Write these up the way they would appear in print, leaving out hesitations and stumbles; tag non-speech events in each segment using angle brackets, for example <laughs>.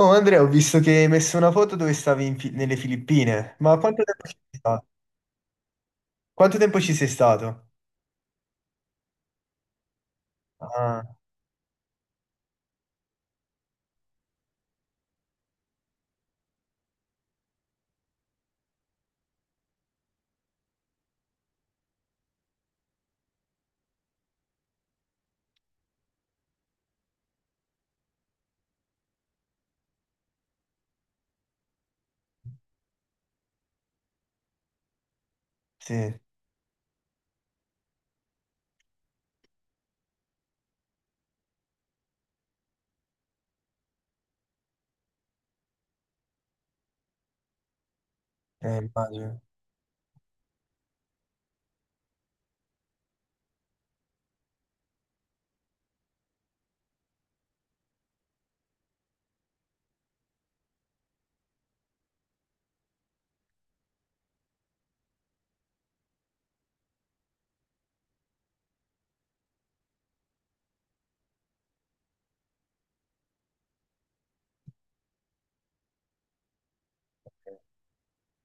Oh Andrea, ho visto che hai messo una foto dove stavi in nelle Filippine, ma quanto tempo ci sei stato? Quanto tempo ci sei stato? Ah, sì, immagino.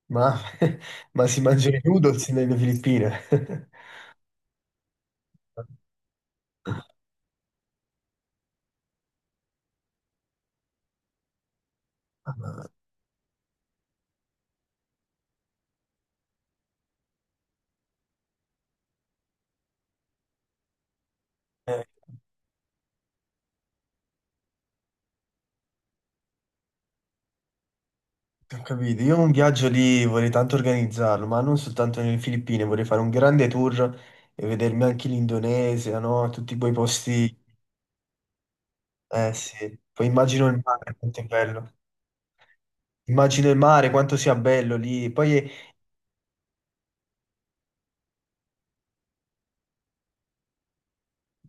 Ma, <laughs> ma si mangiano i noodles nelle Filippine? <laughs> Eh, Ho capito, io un viaggio lì vorrei tanto organizzarlo, ma non soltanto nelle Filippine, vorrei fare un grande tour e vedermi anche l'Indonesia, no? Tutti quei posti... Eh sì, poi immagino il mare, quanto è bello. Immagino il mare, quanto sia bello lì. Poi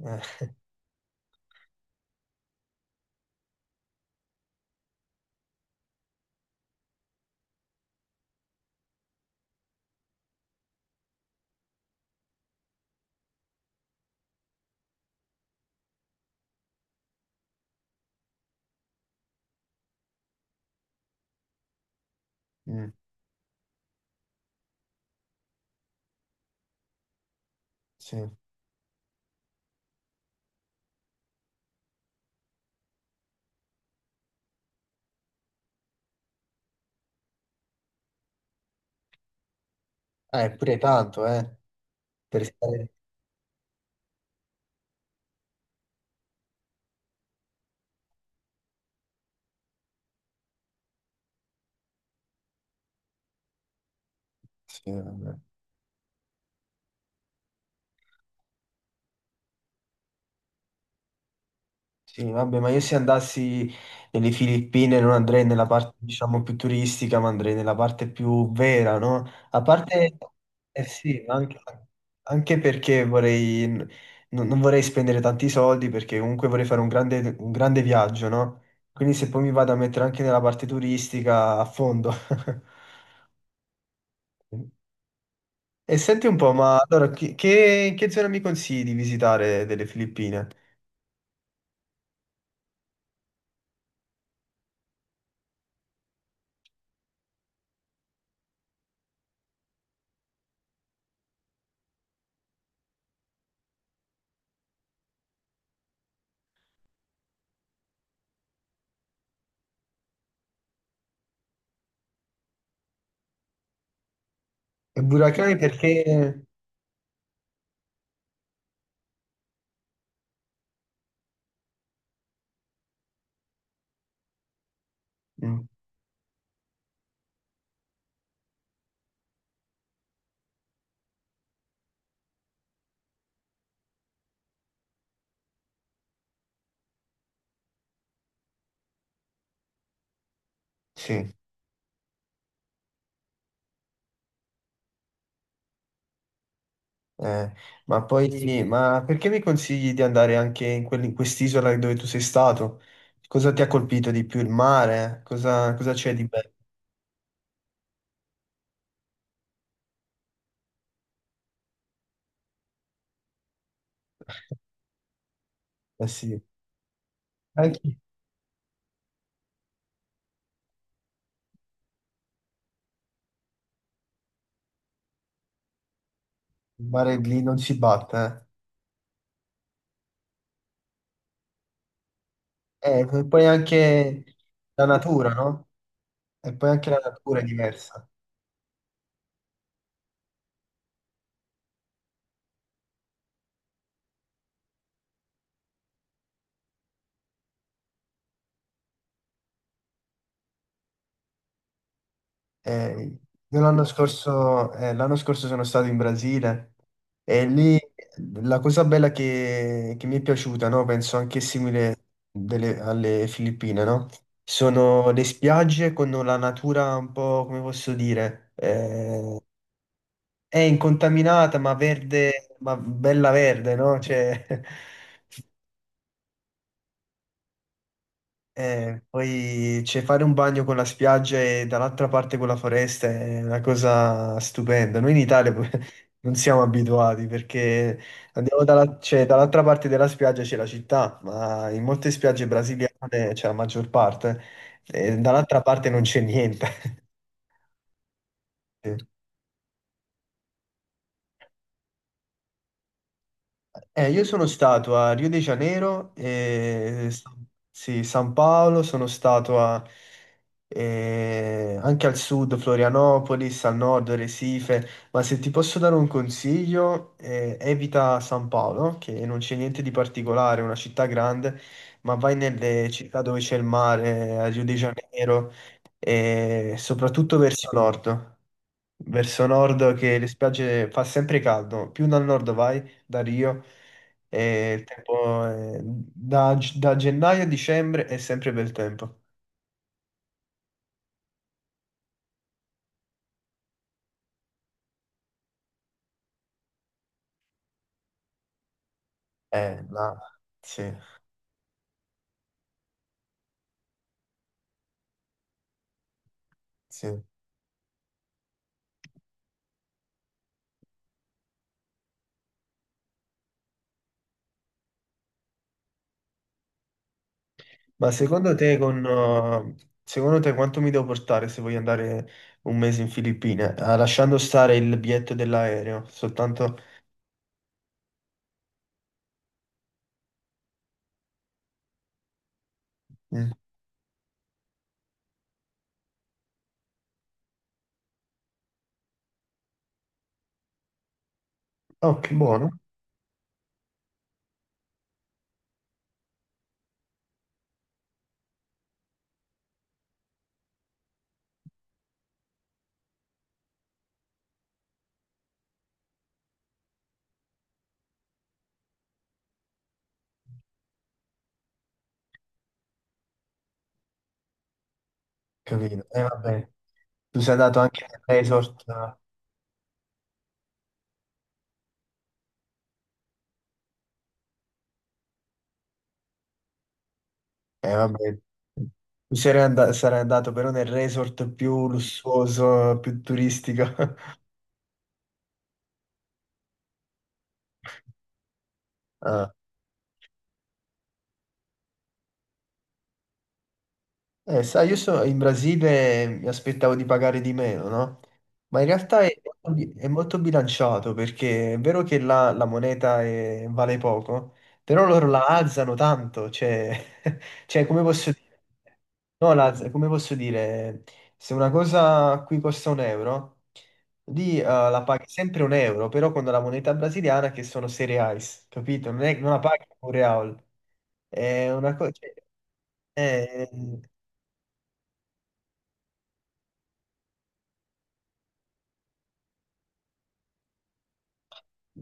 eh, mm, sì. Pure tanto, per stare... Sì, vabbè. Sì, vabbè, ma io se andassi nelle Filippine non andrei nella parte, diciamo, più turistica, ma andrei nella parte più vera, no? A parte, eh sì, ma anche, anche perché vorrei, non vorrei spendere tanti soldi, perché comunque vorrei fare un grande viaggio, no? Quindi se poi mi vado a mettere anche nella parte turistica, a fondo. <laughs> E senti un po', ma allora che zona mi consigli di visitare delle Filippine? E Boracay perché... Mm, sì, eh, ma poi... Ma perché mi consigli di andare anche in, in quest'isola dove tu sei stato? Cosa ti ha colpito di più? Il mare? Cosa c'è di bello? Eh sì, anche il mare lì non si batte, eh. E poi anche la natura, no? E poi anche la natura è diversa. Eh, io l'anno scorso sono stato in Brasile e lì la cosa bella che mi è piaciuta, no? Penso anche simile alle Filippine, no? Sono le spiagge con la natura un po', come posso dire, è incontaminata ma verde, ma bella verde, no? Cioè, <laughs> eh, poi cioè, fare un bagno con la spiaggia e dall'altra parte con la foresta è una cosa stupenda. Noi in Italia poi <laughs> non siamo abituati perché andiamo cioè, dall'altra parte della spiaggia c'è la città, ma in molte spiagge brasiliane c'è la maggior parte, e dall'altra parte non c'è niente. <laughs> Io sono stato a Rio de Janeiro, e sì, San Paolo, anche al sud, Florianopolis, al nord, Recife, ma se ti posso dare un consiglio, evita San Paolo, che non c'è niente di particolare, è una città grande, ma vai nelle città dove c'è il mare, a Rio de Janeiro, e soprattutto verso nord che le spiagge fa sempre caldo, più dal nord vai, da Rio, e da, da gennaio a dicembre è sempre bel tempo. Ma sì, sì. Ma secondo te, secondo te quanto mi devo portare se voglio andare un mese in Filippine? Ah, lasciando stare il biglietto dell'aereo, soltanto... Mm. Oh, che buono, capito. E vabbè, tu sei andato anche nel resort. Vabbè, sarei andato però nel resort più lussuoso, più turistico. <laughs> Ah, eh, sai, in Brasile mi aspettavo di pagare di meno, no? Ma in realtà è, è molto bilanciato perché è vero che là vale poco, però loro la alzano tanto, cioè, <laughs> cioè come posso dire? No, come posso dire? Se una cosa qui costa un euro, lì la paghi sempre un euro, però con la moneta brasiliana che sono 6 reais, capito? Non la paghi un real. È una cosa...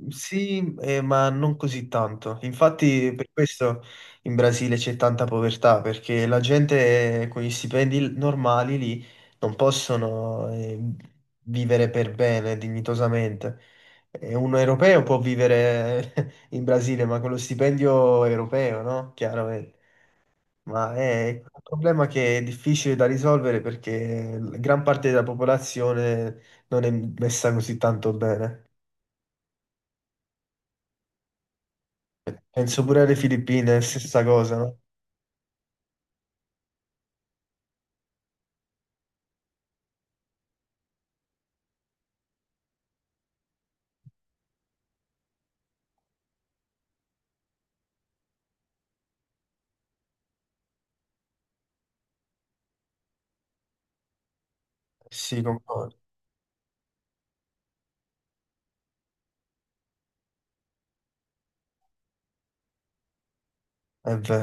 Sì, ma non così tanto. Infatti, per questo in Brasile c'è tanta povertà, perché la gente con gli stipendi normali lì non possono vivere per bene, dignitosamente. E un europeo può vivere <laughs> in Brasile, ma con lo stipendio europeo, no? Chiaramente. Ma è un problema che è difficile da risolvere perché gran parte della popolazione non è messa così tanto bene. Penso pure alle Filippine, è la stessa cosa, no? Sì, concordo. È vero.